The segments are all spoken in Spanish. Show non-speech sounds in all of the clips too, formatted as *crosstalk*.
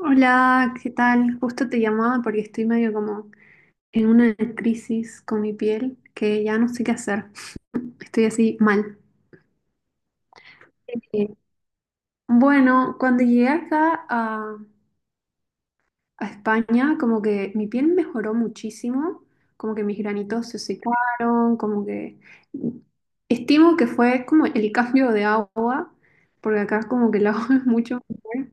Hola, ¿qué tal? Justo te llamaba porque estoy medio como en una crisis con mi piel que ya no sé qué hacer. Estoy así mal. Eh, Bueno, cuando llegué acá a España, como que mi piel mejoró muchísimo, como que mis granitos se secaron, como que estimo que fue como el cambio de agua, porque acá como que el agua *laughs* es mucho mejor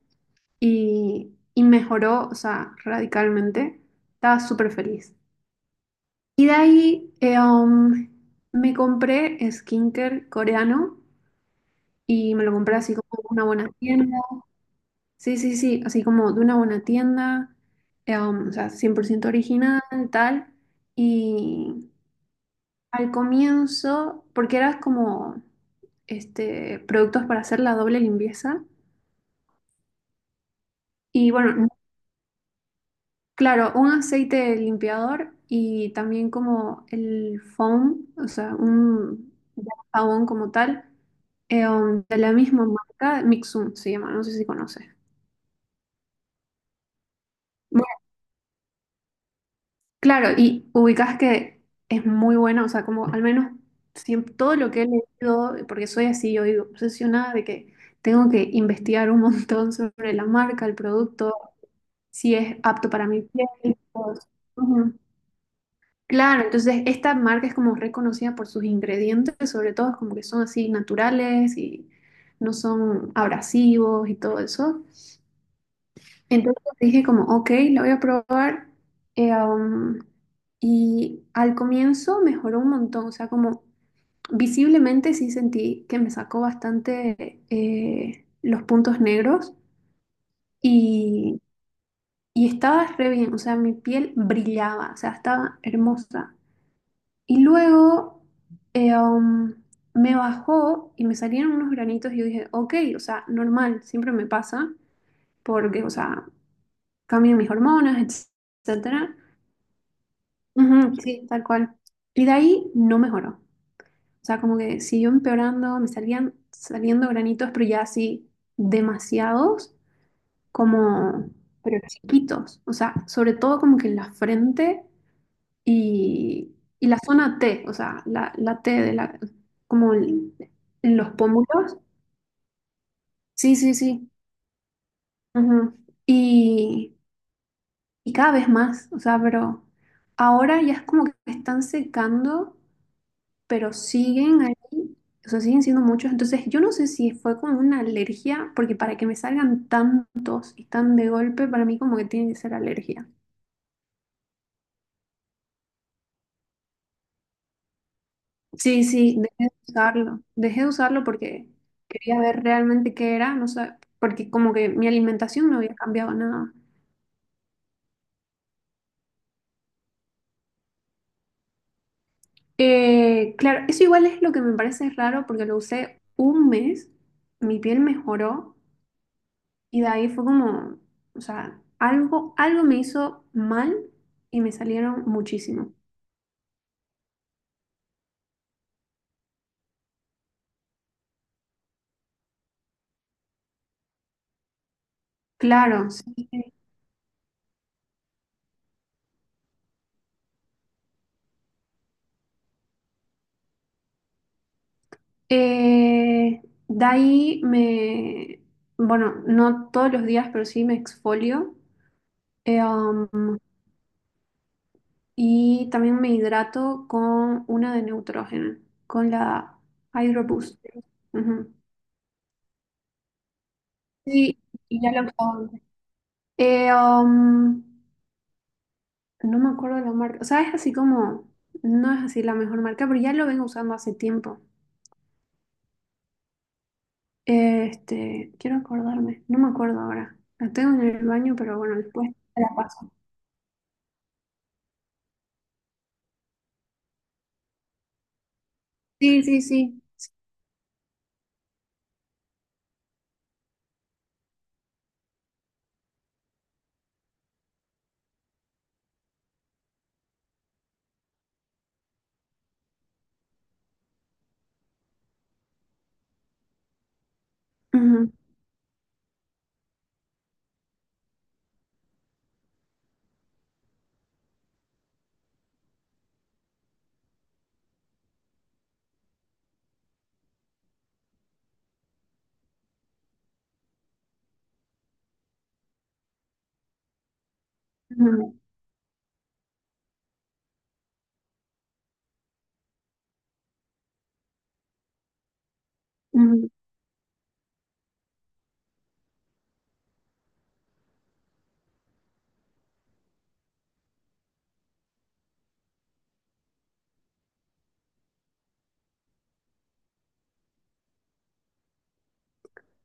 y mejoró, o sea, radicalmente. Estaba súper feliz. Y de ahí me compré skincare coreano y me lo compré así como de una buena tienda. Sí, sí, sí, así como de una buena tienda, o sea, 100% original, tal. Y al comienzo, porque eras como este, productos para hacer la doble limpieza. Y bueno, claro, un aceite limpiador y también como el foam, o sea, un jabón como tal, de la misma marca, Mixum se llama, no sé si conoces. Bueno, claro, y ubicas que es muy bueno, o sea, como al menos siempre, todo lo que he leído, porque soy así, yo digo, obsesionada de que tengo que investigar un montón *laughs* sobre la marca, el producto, si es apto para mi piel, y todo eso. Ujú. Claro, entonces esta marca es como reconocida por sus ingredientes, sobre todo es como que son así naturales y no son abrasivos y todo eso. Entonces dije como, ok, la voy a probar. eh, um, y al comienzo mejoró un montón, o sea, como visiblemente sí sentí que me sacó bastante los puntos negros y, y estaba re bien, o sea, mi piel brillaba, o sea, estaba hermosa. Y luego eh, um, me bajó y me salieron unos granitos y yo dije, ok, o sea, normal, siempre me pasa, porque, o sea, cambian mis hormonas, etcétera. Ujú, sí, tal cual. Y de ahí no mejoró. O sea, como que siguió empeorando, me salían saliendo granitos, pero ya así demasiados, como, pero chiquitos. O sea, sobre todo como que en la frente y la zona T, o sea, la T de la, como el- en los pómulos. Sí, sí, sí. Ujú. Y, y cada vez más, o sea, pero ahora ya es como que están secando, pero siguen ahí, o sea, siguen siendo muchos. Entonces, yo no sé si fue como una alergia, porque para que me salgan tantos y tan de golpe, para mí como que tiene que ser alergia. Sí, sí, dejé de usarlo. Dejé de usarlo porque quería ver realmente qué era, no sé, porque como que mi alimentación no había cambiado nada. Claro, eso igual es lo que me parece raro porque lo usé un mes, mi piel mejoró y de ahí fue como, o sea, algo, algo me hizo mal y me salieron muchísimo. Claro, sí. Eh, de ahí me, bueno, no todos los días, pero sí me exfolio. Eh, um, Y también me hidrato con una de nitrógeno, con la Aeroboost. Ujú. Sí, y ya lo he usado antes. Eh, um, no me acuerdo de la marca. O sea, es así como, no es así la mejor marca, pero ya lo vengo usando hace tiempo. Este, quiero acordarme, no me acuerdo ahora. La tengo en el baño, pero bueno, después te la paso. Sí, sí, sí. Ujú, ujú, ujú.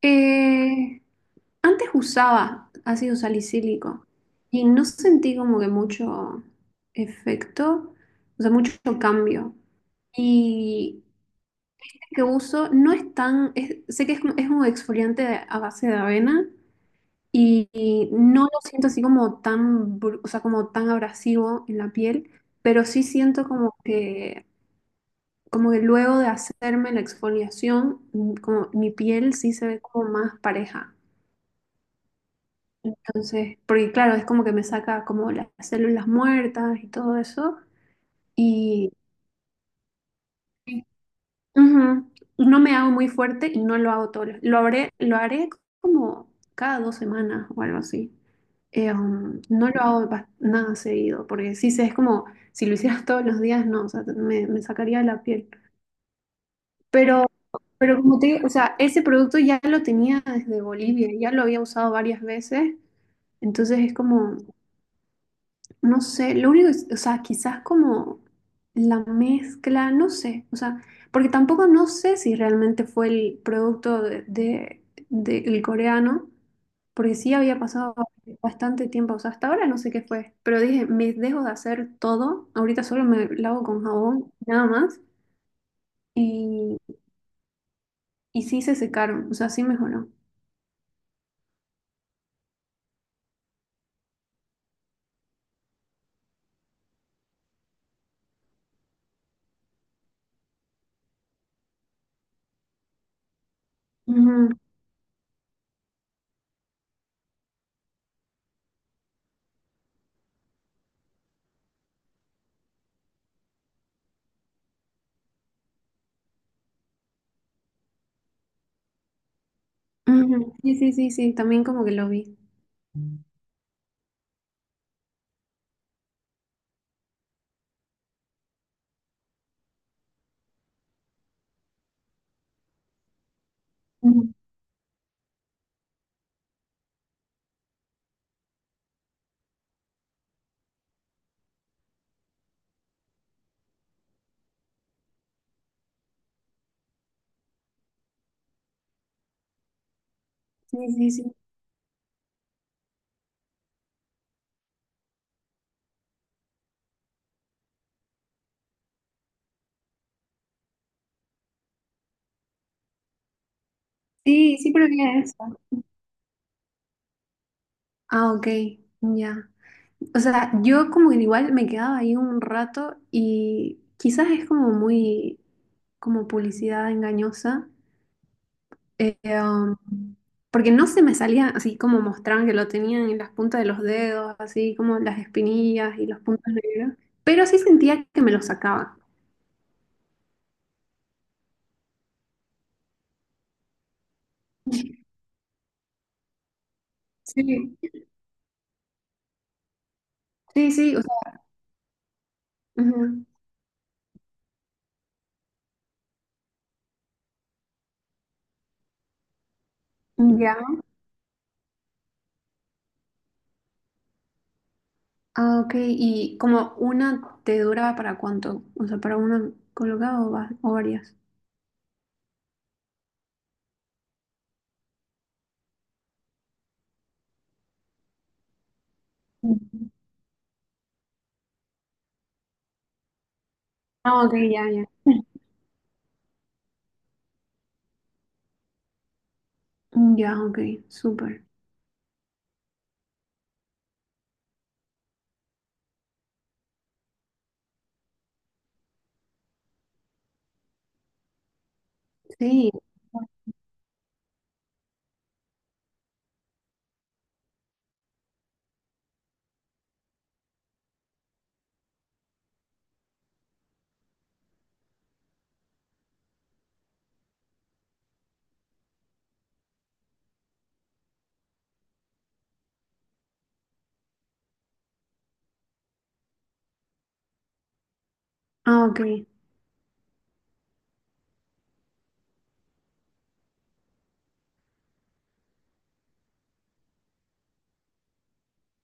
Eh, Antes usaba ácido salicílico y no sentí como que mucho efecto, o sea, mucho cambio. Y el que uso no es tan, sé que es, es un exfoliante a base de avena y no lo siento así como tan, o sea, como tan abrasivo en la piel, pero sí siento como que luego de hacerme la exfoliación, como mi piel sí se ve como más pareja. Entonces, porque claro, es como que me saca como las células muertas y todo eso. Y sí. Ujú, no me hago muy fuerte y no lo hago todo. Lo haré como cada 2 semanas o algo así. No lo hago nada seguido, porque sí sé, es como si lo hicieras *laughs* todos los días, no, o sea, me sacaría la piel. Pero, pero como te digo, o sea, ese producto ya lo tenía desde Bolivia, ya lo había usado varias veces, entonces es como. No sé, lo único es, o sea, quizás como la mezcla, no sé, o sea, porque tampoco no sé si realmente fue el producto del coreano, porque sí había pasado bastante tiempo, o sea, hasta ahora no sé qué fue, pero dije, me dejo de hacer todo, ahorita solo me lavo con jabón, nada más, y, y sí se secaron, o sea, sí mejoró. Ujú, ujú, sí, sí, sí, sí, también como que lo vi. Ujú, sí, sí, sí. Sí, sí, pero bien eso. Ah, ok, ya. O sea, yo como que igual me quedaba ahí un rato y quizás es como muy, como publicidad engañosa, eh, um, porque no se me salía así como mostraban que lo tenían en las puntas de los dedos, así como las espinillas y los puntos negros, pero sí sentía que me los sacaba. *laughs* Sí, sí, sí, o sea, ujú, ya. Ah, ok, y como una te duraba para cuánto, o sea, para una colocada o varias. Ah, ok, ya, ya. Mm, ya, ok, súper. Sí. Ah, ok.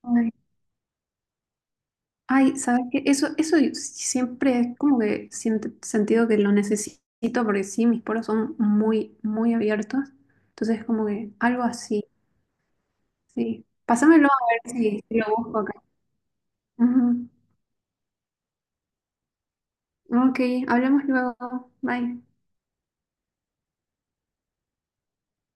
Ay, ay, ¿sabes qué? Eso yo siempre es como que siento, sentido que lo necesito porque sí, mis poros son muy, muy abiertos. Entonces, como que algo así, sí. Pásamelo a ver si lo busco acá. Ujú. Ok, hablemos luego. Bye.